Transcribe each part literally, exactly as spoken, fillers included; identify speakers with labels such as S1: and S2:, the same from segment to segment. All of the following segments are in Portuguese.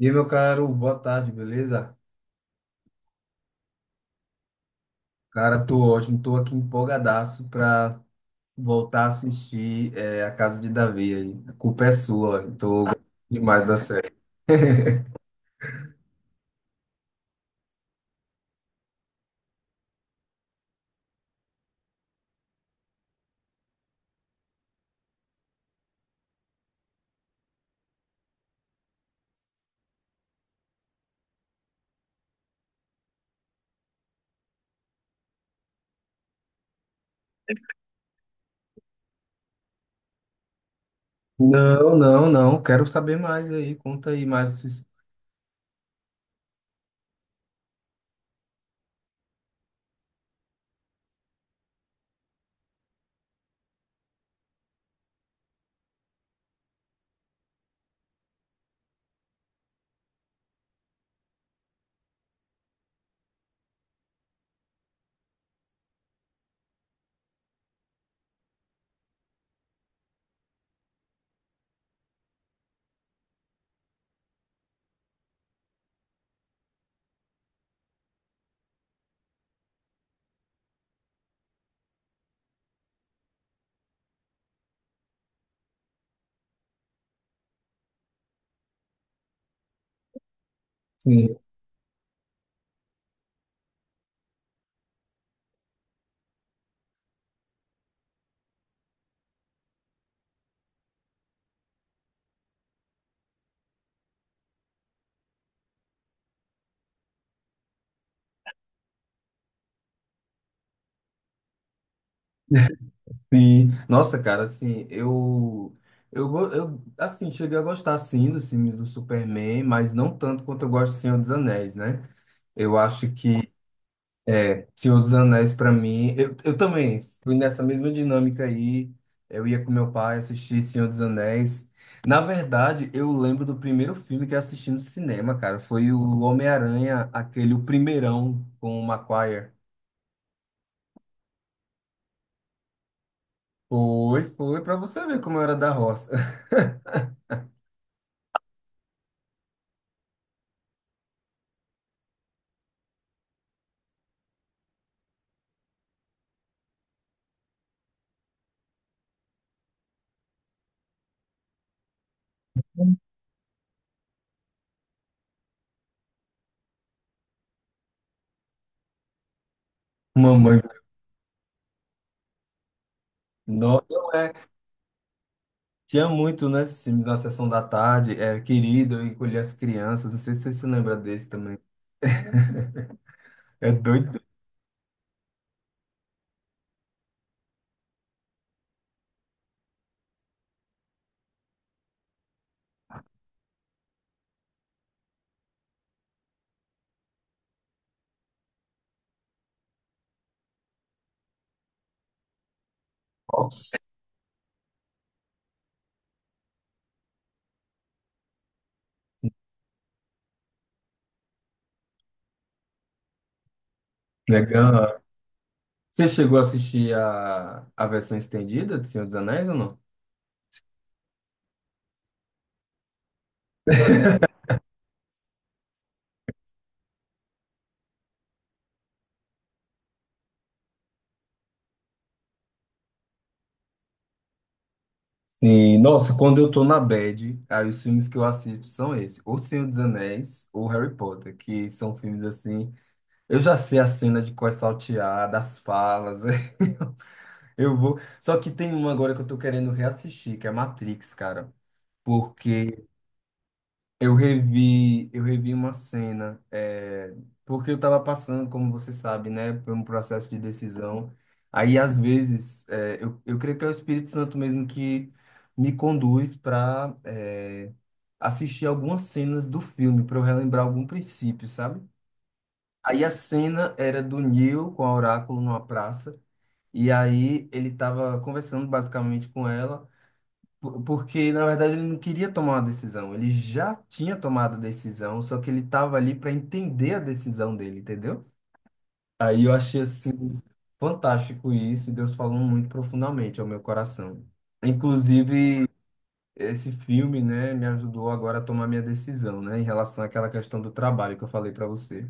S1: E aí, meu caro, boa tarde, beleza? Cara, tô ótimo, tô aqui empolgadaço pra voltar a assistir é, A Casa de Davi aí. A culpa é sua, eu tô gostando demais da série. Não, não, não, quero saber mais aí, conta aí mais. su- Sim. Sim. Nossa, cara, assim, eu, eu, go- eu, assim, cheguei a gostar, sim, dos filmes do Superman, mas não tanto quanto eu gosto do Senhor dos Anéis, né? Eu acho que Senhor dos Anéis para mim, eu, eu também fui nessa mesma dinâmica aí. Eu ia com meu pai assistir Senhor dos Anéis. Na verdade, eu lembro do primeiro filme que eu assisti no cinema, cara. Foi o Homem-Aranha, aquele o primeirão com o Maguire. Foi, foi, para você ver como eu era da roça. Mamãe, não, não é. Tinha muito, né, esses filmes na sessão da tarde, é, Querido, Eu Encolhi as Crianças. Não sei se você se lembra desse também. É doido. Nossa, legal. Você chegou a assistir a, a versão estendida de Senhor dos Anéis ou não? Sim, nossa, quando eu tô na bad, aí os filmes que eu assisto são esses, ou Senhor dos Anéis ou Harry Potter, que são filmes assim. Eu já sei a cena de qual é saltear, das falas. Eu vou. Só que tem um agora que eu tô querendo reassistir, que é Matrix, cara. Eu revi, eu revi uma cena, é, porque eu estava passando, como você sabe, né, por um processo de decisão. Aí, às vezes, é, eu, eu creio que é o Espírito Santo mesmo que me conduz para assistir algumas cenas do filme, para eu relembrar algum princípio, sabe? Aí a cena era do Neo com a Oráculo numa praça, e aí ele estava conversando basicamente com ela. Por- Porque, na verdade, ele não queria tomar uma decisão. Ele já tinha tomado a decisão, só que ele estava ali para entender a decisão dele, entendeu? Aí eu achei assim fantástico isso, e Deus falou muito profundamente ao meu coração. Inclusive, esse filme, né, me ajudou agora a tomar minha decisão, né, em relação àquela questão do trabalho que eu falei para você.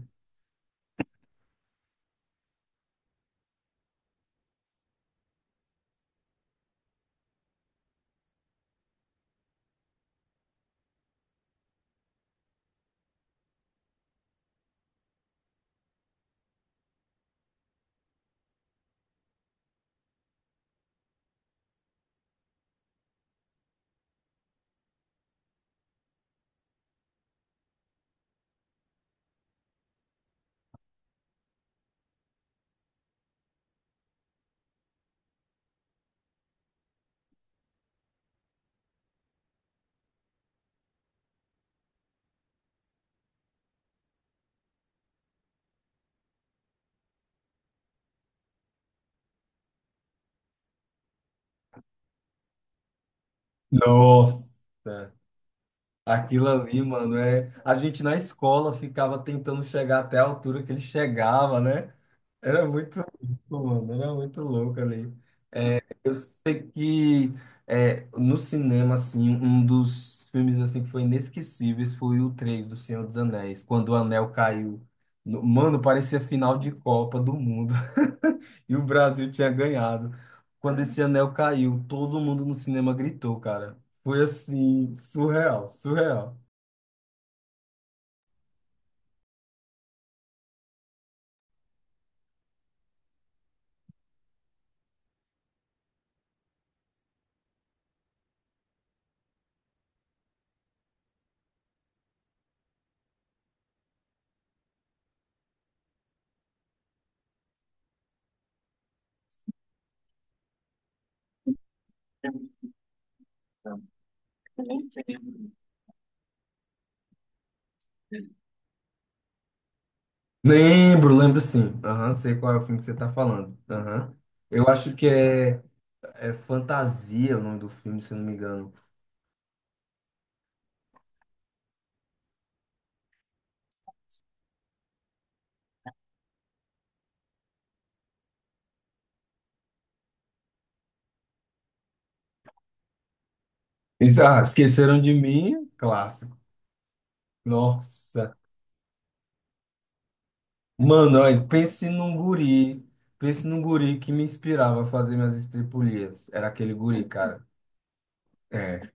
S1: Nossa! Aquilo ali, mano, é. A gente na escola ficava tentando chegar até a altura que ele chegava, né? Era muito louco, mano, era muito louco ali. É, eu sei que é, no cinema, assim, um dos filmes assim, que foi inesquecíveis foi o três do Senhor dos Anéis, quando o anel caiu. No- Mano, parecia final de Copa do Mundo. E o Brasil tinha ganhado. Quando esse anel caiu, todo mundo no cinema gritou, cara. Foi assim, surreal, surreal. Lembro, lembro sim. Aham, sei qual é o filme que você tá falando. Aham. Eu acho que é. É Fantasia o nome do filme, se eu não me engano. Isso, ah, Esqueceram de Mim, clássico. Nossa. Mano, olha, pense num guri. Pense num guri que me inspirava a fazer minhas estripulias. Era aquele guri, cara. É.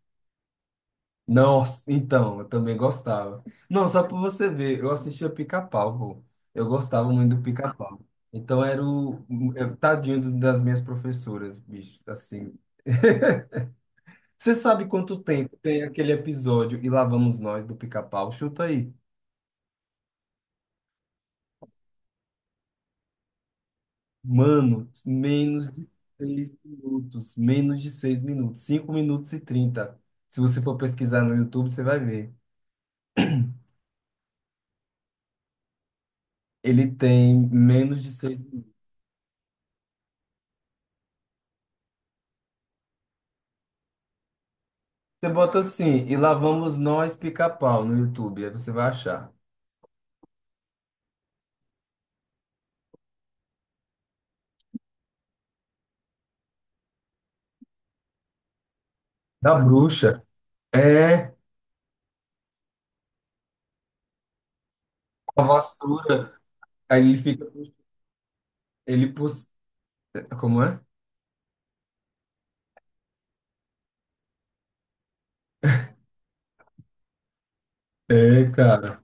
S1: Nossa, então, eu também gostava. Não, só pra você ver, eu assistia Pica-Pau, pô. Eu gostava muito do Pica-Pau. Então era o eu- tadinho dos- das minhas professoras, bicho, assim. Você sabe quanto tempo tem aquele episódio e lá vamos nós do Pica-Pau? Chuta aí. Mano, menos de seis minutos. Menos de seis minutos. Cinco minutos e trinta. Se você for pesquisar no YouTube, você vai ver. Ele tem menos de seis minutos. Você bota assim, e lá vamos nós pica-pau no YouTube. Aí você vai achar. Da bruxa. É, com a vassoura. Aí ele fica. Ele. pus- Como é? É, cara.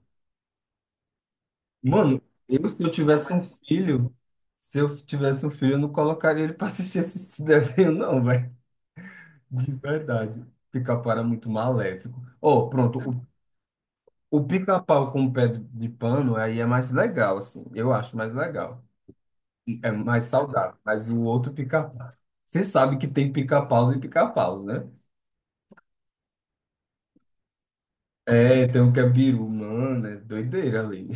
S1: Mano, eu se eu tivesse um filho. Se eu tivesse um filho, eu não colocaria ele pra assistir esse esse desenho, não. De verdade. Pica-pau era muito maléfico. Oh, pronto. O, o pica-pau com o pé de, de pano aí é mais legal, assim. Eu acho mais legal. É mais saudável. Mas o outro pica-pau. Você sabe que tem pica-paus e pica-paus, né? É, tem um que é biru, mano, é doideira ali.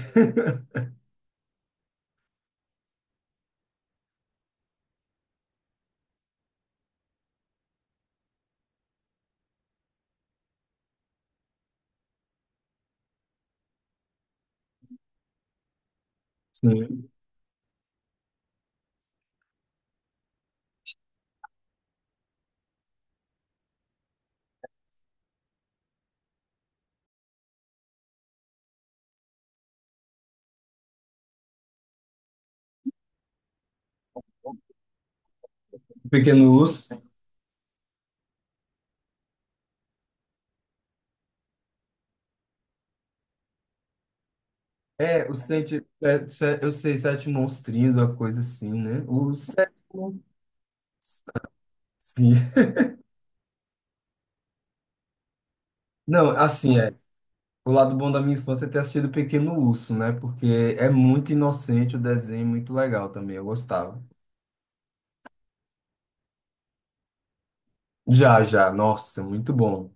S1: Sim. Pequeno urso. É, os sete, é, se- eu sei, sete monstrinhos, uma coisa assim, né? Os sete. mon- Sim. Não, assim, é, o lado bom da minha infância é ter assistido Pequeno Urso, né? Porque é muito inocente o desenho, muito legal também, eu gostava. Já, já, nossa, muito bom.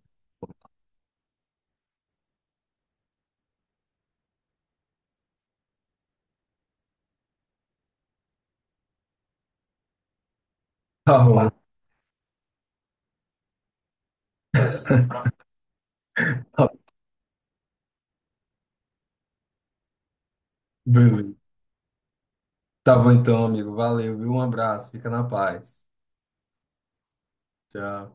S1: Tá bom. Tá, tá, beleza. Tá bom então, amigo, valeu, viu? Um abraço, fica na paz. Tchau.